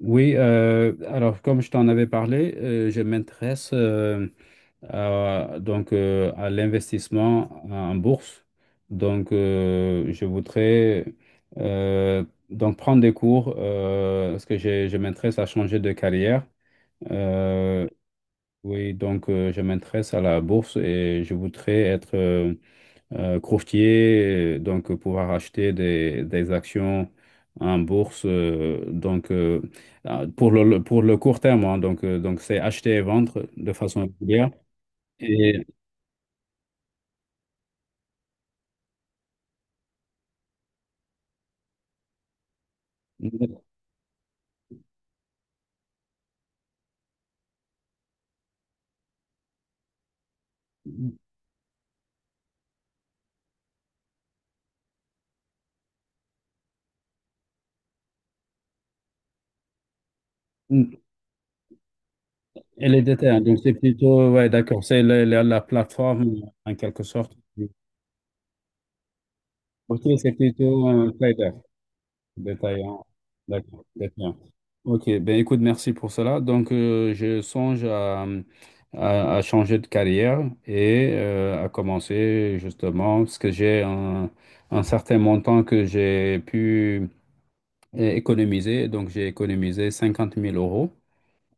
Oui, alors comme je t'en avais parlé, je m'intéresse à, donc à l'investissement en bourse. Donc je voudrais euh, donc prendre des cours parce que je m'intéresse à changer de carrière. Euh, oui, donc je m'intéresse à la bourse et je voudrais être courtier, donc pouvoir acheter des actions en bourse, pour pour le court terme, hein, donc c'est acheter et vendre de façon régulière. Et, et les détails, hein, donc c'est plutôt, ouais, d'accord, c'est la plateforme en quelque sorte. Ok, c'est plutôt un trader, détaillant, d'accord, détaillant. Ok, ben écoute, merci pour cela. Donc, je songe à changer de carrière et à commencer justement, parce que j'ai un certain montant que j'ai pu économiser. Donc, j'ai économisé cinquante mille euros.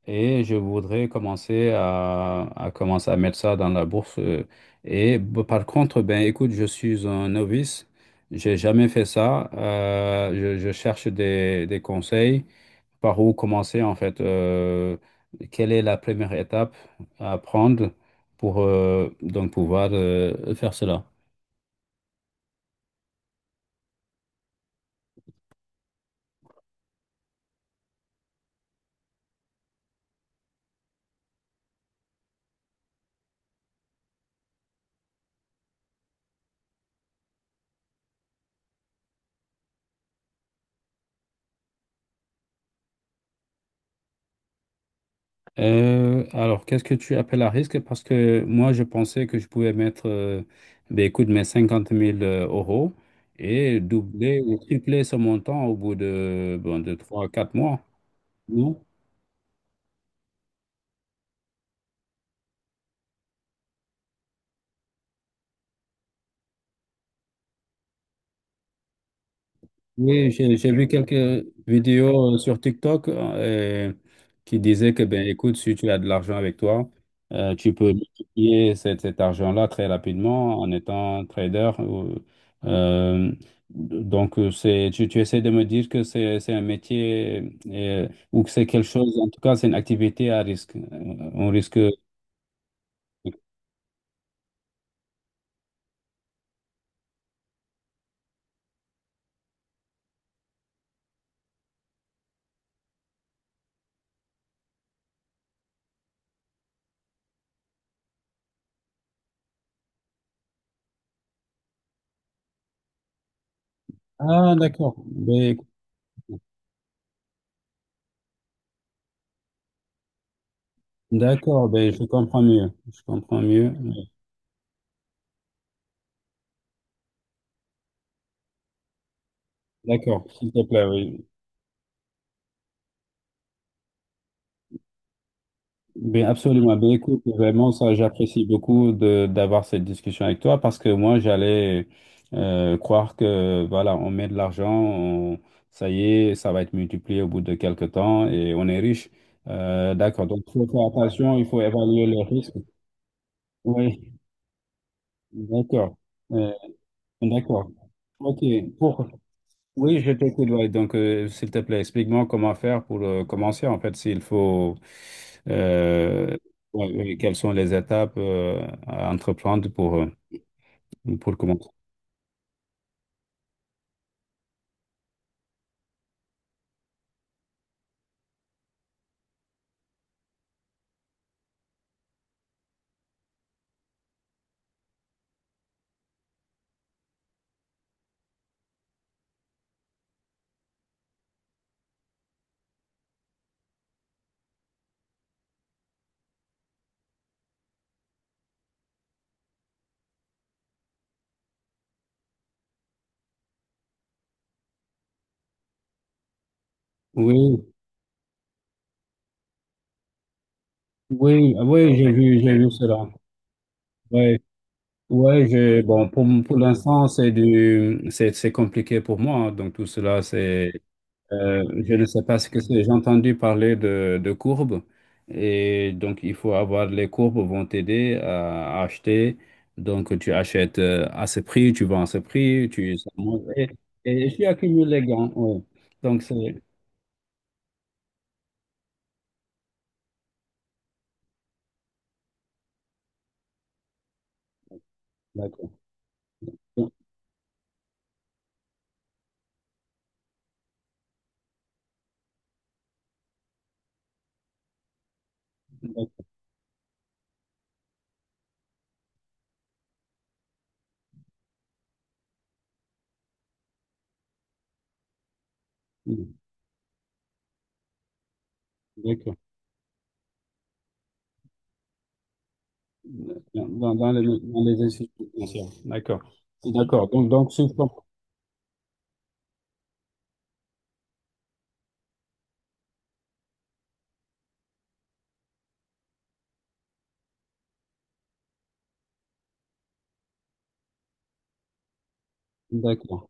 Et je voudrais commencer à commencer à mettre ça dans la bourse. Par contre, ben écoute, je suis un novice. J'ai jamais fait ça. Je cherche des conseils. Par où commencer en fait? Quelle est la première étape à prendre pour donc pouvoir faire cela? Alors, qu'est-ce que tu appelles à risque? Parce que moi, je pensais que je pouvais mettre, ben, écoute, mes cinquante mille euros et doubler ou tripler ce montant au bout de, bon, de 3 quatre mois. Non? Oui, j'ai vu quelques vidéos sur TikTok qui disaient que, ben, écoute, si tu as de l'argent avec toi, tu peux multiplier cet argent-là très rapidement en étant trader. Euh, tu essaies de me dire que c'est un métier ou que c'est quelque chose, en tout cas, c'est une activité à risque. On risque, oui. Ah, d'accord. Ben, d'accord, ben, je comprends mieux. Je comprends mieux. D'accord, s'il te plaît, oui. Bien, absolument. Ben, écoute, vraiment, ça, j'apprécie beaucoup de d'avoir cette discussion avec toi parce que moi, j'allais croire que, voilà, on met de l'argent, ça y est, ça va être multiplié au bout de quelques temps et on est riche. D'accord. Donc, il faut faire attention, il faut évaluer les risques. Oui, d'accord. Euh, d'accord. OK. Pour oui, je t'écoute. Ouais. Donc, s'il te plaît, explique-moi comment faire pour commencer. En fait, s'il faut, euh, ouais, ouais, quelles sont les étapes à entreprendre pour commencer. Oui, oui, ah oui, j'ai vu cela. Ouais, ouais, bon, pour l'instant, c'est compliqué pour moi, hein. Donc, tout cela, c'est je ne sais pas ce que c'est. J'ai entendu parler de courbes et donc il faut avoir les courbes vont t'aider à acheter. Donc tu achètes à ce prix, tu vends à ce prix, tu ça monte. Et tu accumules les gains. Oui. Donc c'est d'accord. Donc, d'accord. Dans les institutions financières. D'accord. D'accord. D'accord.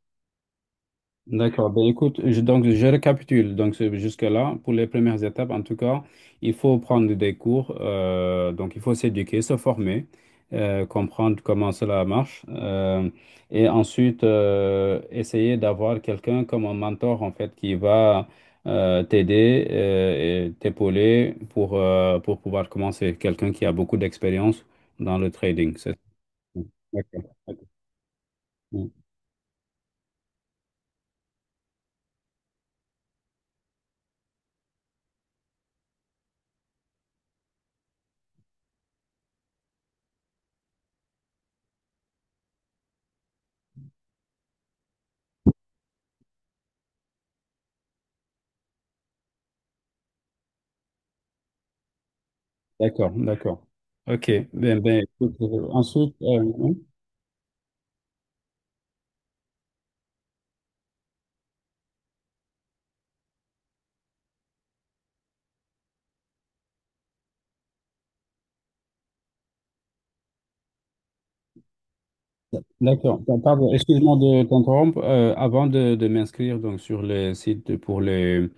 D'accord. Ben, écoute, donc je récapitule. Jusque-là, pour les premières étapes, en tout cas, il faut prendre des cours. Donc il faut s'éduquer, se former, comprendre comment cela marche, et ensuite essayer d'avoir quelqu'un comme un mentor en fait qui va t'aider et t'épauler pour pour pouvoir commencer. Quelqu'un qui a beaucoup d'expérience dans le trading. D'accord. D'accord, d'accord. Ok. Ben, écoute, ensuite, hein, d'accord. Ben, pardon, excuse-moi de t'interrompre. Avant de m'inscrire donc sur les sites pour les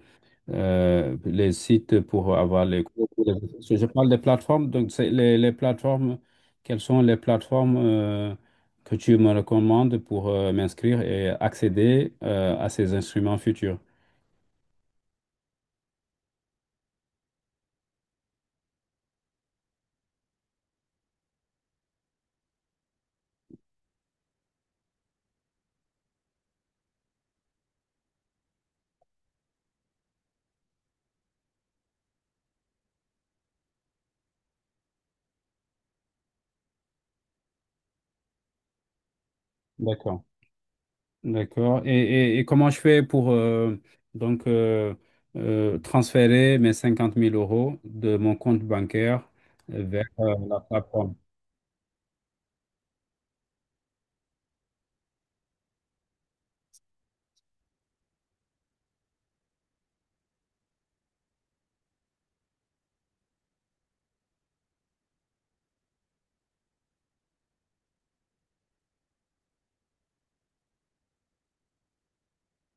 euh, les sites pour avoir les cours, parce que je parle des plateformes. Donc, c'est les plateformes. Quelles sont les plateformes que tu me recommandes pour m'inscrire et accéder à ces instruments futurs? D'accord. D'accord. Et comment je fais pour donc euh, transférer mes 50 000 € de mon compte bancaire vers la plateforme?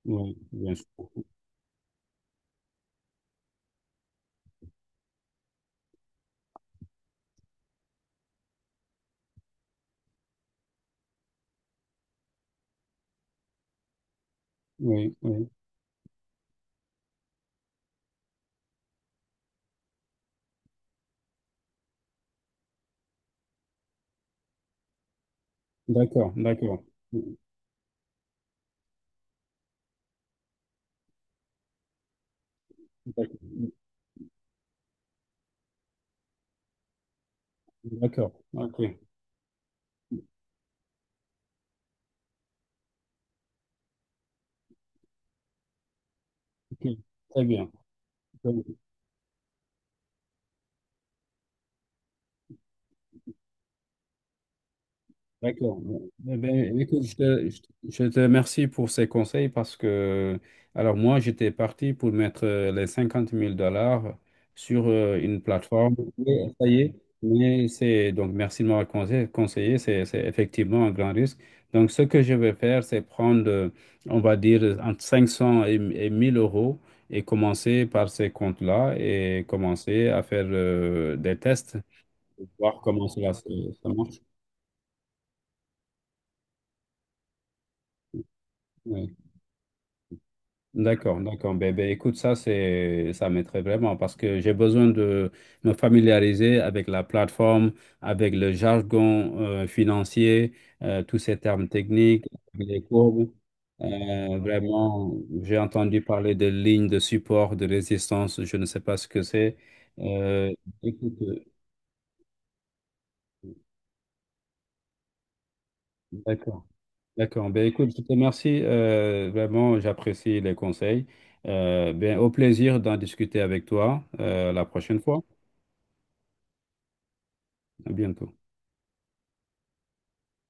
Oui, bien sûr. Oui, oui. D'accord, d'accord. D'accord. D'accord. Ok, ok. Très bien. D'accord. Eh ben, écoute, je te remercie pour ces conseils parce que, alors moi, j'étais parti pour mettre les 50 000 $ sur une plateforme. Mais ça y est, donc merci de m'avoir conseillé, c'est effectivement un grand risque. Donc, ce que je vais faire, c'est prendre, on va dire, entre 500 et 1 000 € et commencer par ces comptes-là et commencer à faire des tests, voir comment ça marche. Oui. D'accord, d'accord. Écoute, ça m'aiderait vraiment parce que j'ai besoin de me familiariser avec la plateforme, avec le jargon financier, tous ces termes techniques, les courbes. Vraiment, j'ai entendu parler de lignes de support, de résistance, je ne sais pas ce que c'est. Euh, Écoute, d'accord, d'accord. Ben, écoute, je te remercie. Vraiment, j'apprécie les conseils. Ben, au plaisir d'en discuter avec toi la prochaine fois. À bientôt.